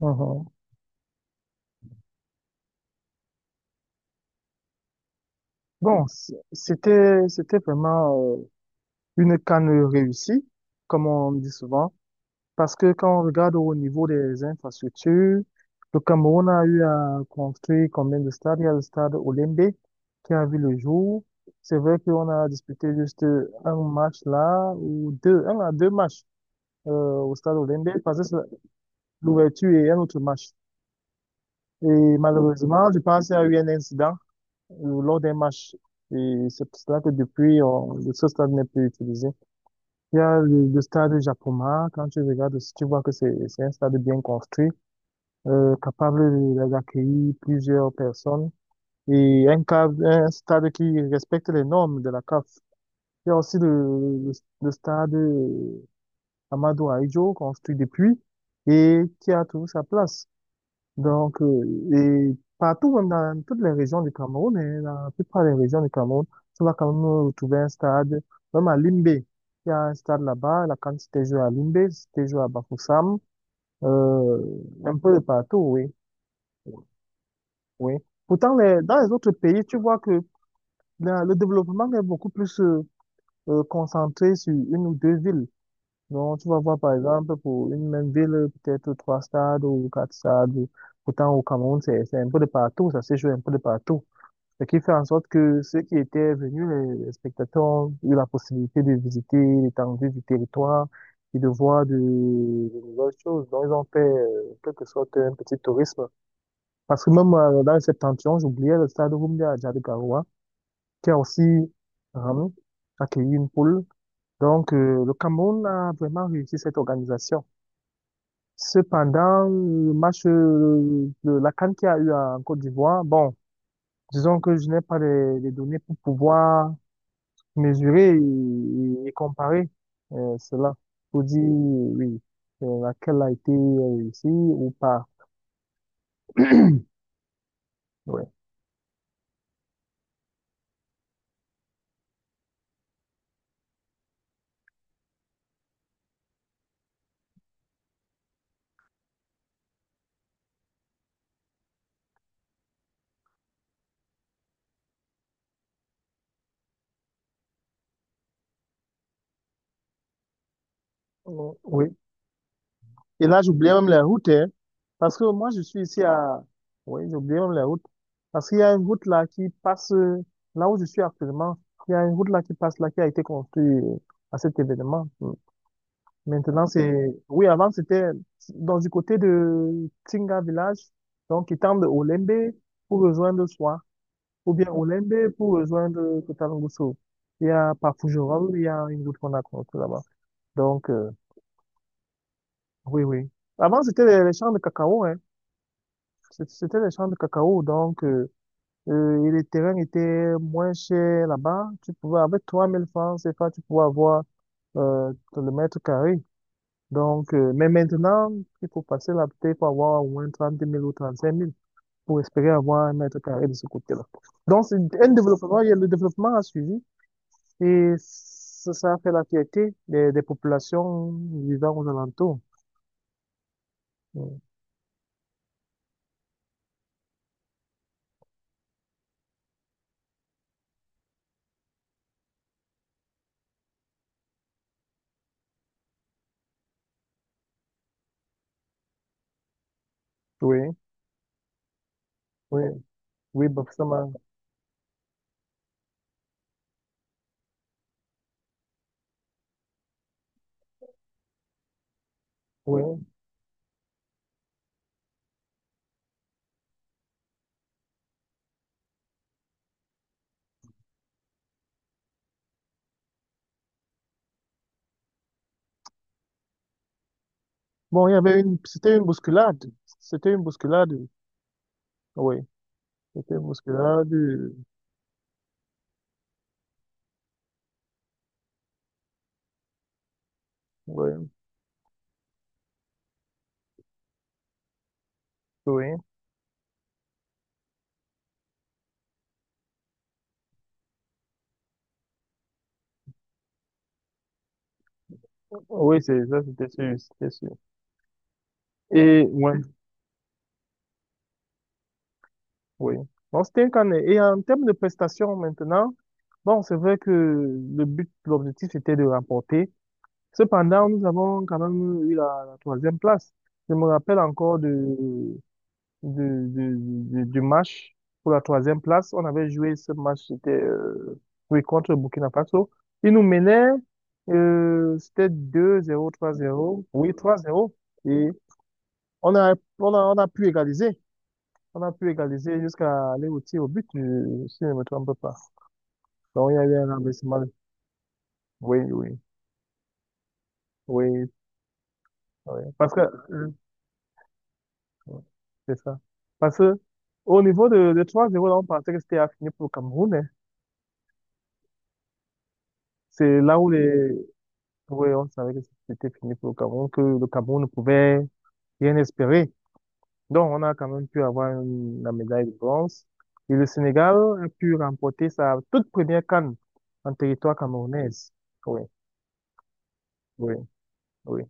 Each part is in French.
Mhm. Bon, c'était vraiment une canne réussie, comme on dit souvent, parce que quand on regarde au niveau des infrastructures, le Cameroun a eu à construire combien de stades? Il y a le stade Olembe qui a vu le jour. C'est vrai qu'on a disputé juste un match là, ou deux, un à deux matchs euh, au stade Olembe, parce que c'est l'ouverture et un autre match. Et malheureusement, je pense qu'il y a eu un incident ou lors des matchs. Et c'est pour cela que depuis, ce stade n'est plus utilisé. Il y a le stade Japoma. Quand tu regardes, si tu vois que c'est un stade bien construit, capable d'accueillir plusieurs personnes et un stade qui respecte les normes de la CAF. Il y a aussi le stade Amadou Ahidjo, construit depuis et qui a toujours sa place. Donc, et partout, même dans toutes les régions du Cameroun, hein, dans la plupart des régions du Cameroun, tu vas quand même retrouver un stade, même à Limbé. Il y a un stade là-bas, là, quand c'était joué à Limbé, c'était joué à Bafoussam, euh, un peu de partout, oui, oui. Pourtant, dans les autres pays, tu vois que le développement est beaucoup plus concentré sur une ou deux villes. Donc, tu vas voir, par exemple, pour une même ville, peut-être trois stades ou quatre stades. Pourtant, au Cameroun, c'est un peu de partout, ça se joue un peu de partout. Ce qui fait en sorte que ceux qui étaient venus, les spectateurs, ont eu la possibilité de visiter l'étendue du territoire et de voir de nouvelles choses. Donc, ils ont fait, en quelque sorte, un petit tourisme. Parce que même dans le septentrion, j'oubliais le stade Rumba à Djadikaroua, qui a aussi euh, accueilli une poule. Donc, le Cameroun a vraiment réussi cette organisation. Cependant, le match, de la CAN qu'il y a eu en Côte d'Ivoire, bon, disons que je n'ai pas les données pour pouvoir mesurer et comparer cela pour dire oui, laquelle a été réussie ou pas. Ouais. Oh, oui. Et là, j'oubliais même les routes, hein, parce que moi, je suis ici. Oui, j'oubliais même les routes. Parce qu'il y a une route là qui passe, là où je suis actuellement, il y a une route là qui passe là, qui a été construite à cet événement. Mm. Maintenant, oui, avant, c'était dans du côté de Tinga Village, donc qui tend de Olembe pour rejoindre ou bien Olembe pour rejoindre Kotalongoso. Il y a par Fougerolles, il y a une route qu'on a contre là-bas. Donc, oui, oui. Avant, c'était les champs de cacao, hein. C'était les champs de cacao, donc et les terrains étaient moins chers là-bas. Tu pouvais, avec 3000 francs CFA, tu pouvais avoir le mètre carré. Donc, mais maintenant, il faut passer là, peut pour avoir au moins 30 000 ou 35 000 pour espérer avoir un mètre carré de ce côté-là. Donc, c'est un développement, le développement a suivi. Et ça a fait la fierté des populations vivant aux alentours. Oui, oui, oui, bah, oui. Bon, il y avait c'était une bousculade. C'était une bousculade. Oui, c'était une bousculade. Oui, oui. Oui, c'est ça, c'était sûr, c'était sûr. Et, ouais, oui. Bon, c'était un canet. Et en termes de prestations maintenant, bon, c'est vrai que le but, l'objectif, c'était de remporter. Cependant, nous avons quand même eu la troisième place. Je me rappelle encore de, de- du match pour la troisième place. On avait joué ce match, c'était oui, contre le Burkina Faso. Ils nous menaient, c'était 2-0 3-0. Oui, 3-0. Et on a pu égaliser. On a pu égaliser jusqu'à aller au tir au but, si je ne me trompe pas. Donc, il y a eu un renversement. Oui, oui, oui. Oui. Parce que, euh, ouais, c'est ça. Parce que au niveau de 3-0, là, on pensait que c'était fini pour le Cameroun, hein. C'est là où ouais, on savait que c'était fini pour le Cameroun, que le Cameroun ne pouvait rien espérer. Donc, on a quand même pu avoir la médaille de bronze. Et le Sénégal a pu remporter sa toute première CAN en territoire camerounais. Oui, oui, oui.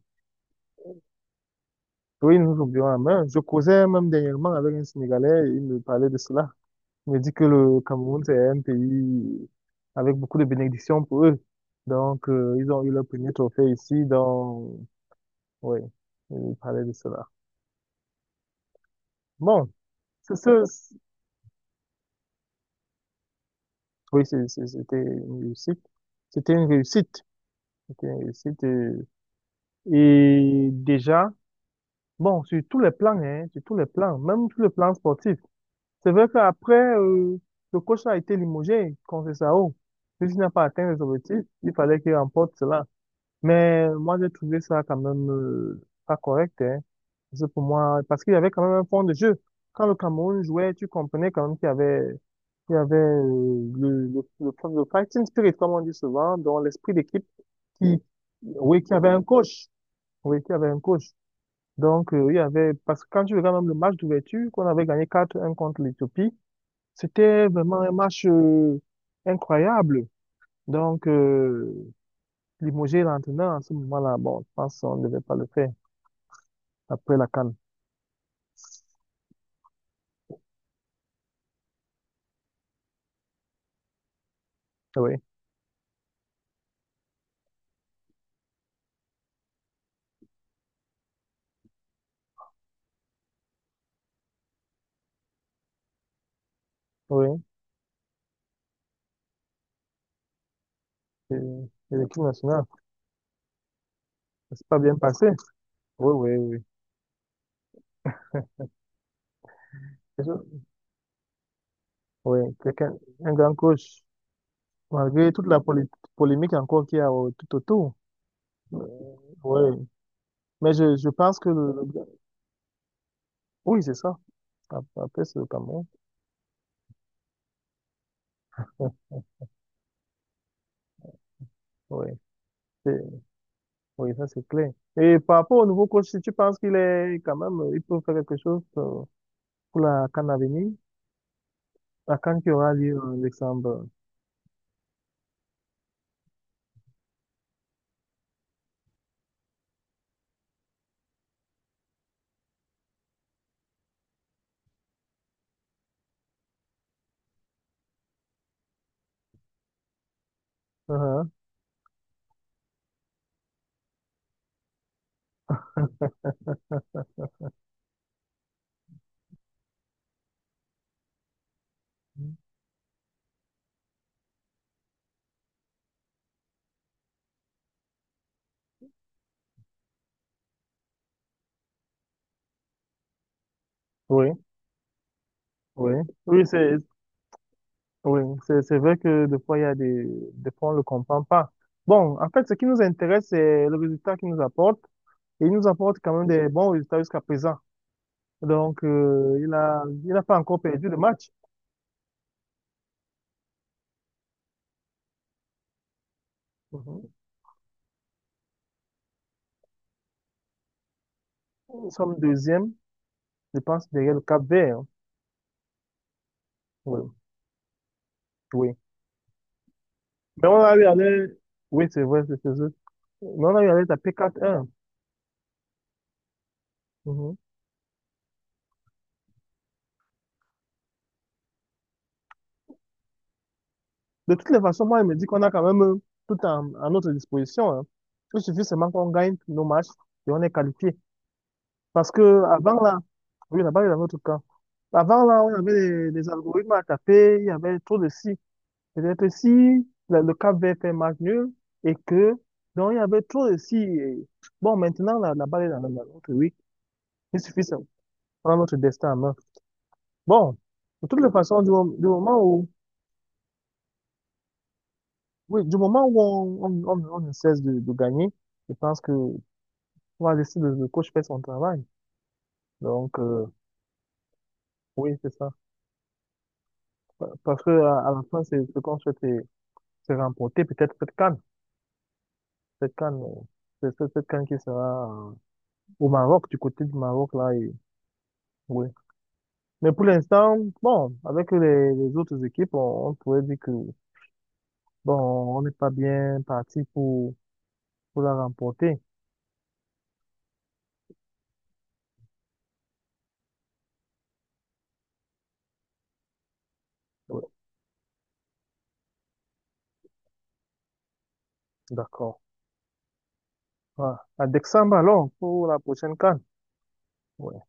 Oui, nous oublions la main. Je causais même dernièrement avec un Sénégalais, il me parlait de cela. Il me dit que le Cameroun, c'est un pays avec beaucoup de bénédictions pour eux. Donc, ils ont eu leur premier trophée ici. Donc, oui, il parlait de cela. Bon, c'est ça. Oui, c'était une réussite. C'était une réussite. C'était une réussite. Et, déjà, bon, sur tous les plans, hein, sur tous les plans, même sur le plan sportif. C'est vrai qu'après, le coach a été limogé contre Sao. Puisqu'il n'a pas atteint les objectifs, il fallait qu'il remporte cela. Mais moi, j'ai trouvé ça quand même pas correct, hein. Parce que pour moi, parce qu'il y avait quand même un fond de jeu. Quand le Cameroun jouait, tu comprenais quand même qu'il y avait le fighting spirit, comme on dit souvent, dans l'esprit d'équipe qui, oui, qui avait un coach. Oui, qui avait un coach. Donc, il y avait, parce que quand tu regardes même le match d'ouverture, qu'on avait gagné 4-1 contre l'Éthiopie, c'était vraiment un match incroyable. Donc, limoger l'entraîneur en ce moment-là, bon, je pense qu'on ne devait pas le faire après la CAN. Oui, oui. Et l'équipe nationale, c'est pas bien passé. Oui, oui, oui. C'est ça. Oui, quelqu'un, un grand coach, malgré toute la polémique encore qu'il y a tout autour. Euh, oui. Mais je pense que oui, c'est ça. Après, c'est le Cameroun. Oui, c'est, oui, ça c'est clair. Et par rapport au nouveau coach, si tu penses qu'il est quand même, il peut faire quelque chose pour la CAN à venir, la CAN qui aura lieu en décembre. Uh-huh. Oui, oui. Oui, c'est Oui, c'est vrai que des fois, il y a des fois, on ne le comprend pas. Bon, en fait, ce qui nous intéresse, c'est le résultat qu'il nous apporte. Et il nous apporte quand même des bons résultats jusqu'à présent. Donc, il n'a pas encore perdu le match. Mhm. Nous sommes deuxième, je pense, derrière le Cap-Vert. Oui, oui. Mais on a eu à l'aise- Oui, c'est vrai, c'est ça. Mais on a eu à l'aise à P4-1. Mhm. De toutes les façons, moi, il me dit qu'on a quand même à notre disposition, hein. Il suffit seulement qu'on gagne nos matchs et on est qualifié. Parce que avant là, oui, là-bas, il y avait autre cas. Avant là, on avait des algorithmes à taper, il y avait trop de si. Peut-être si le Cap Vert fait match nul et que, donc il y avait trop de si. Et bon, maintenant, là, la balle est dans la dans Oui. Il suffit de prendre notre destin en main. Bon, de toutes les façons, du moment où, oui, du moment où on ne cesse de gagner, je pense que on va laisser le coach faire son travail. Donc, oui, c'est ça. Parce que à la fin, c'est ce qu'on souhaite se remporter peut-être cette can. Cette can c'est Cette can qui sera au Maroc, du côté du Maroc là. Et, oui. Mais pour l'instant, bon, avec les autres équipes, on pourrait dire que bon, on n'est pas bien parti pour la remporter. Ouais, d'accord. Voilà. À décembre alors pour la prochaine CAN. Ouais.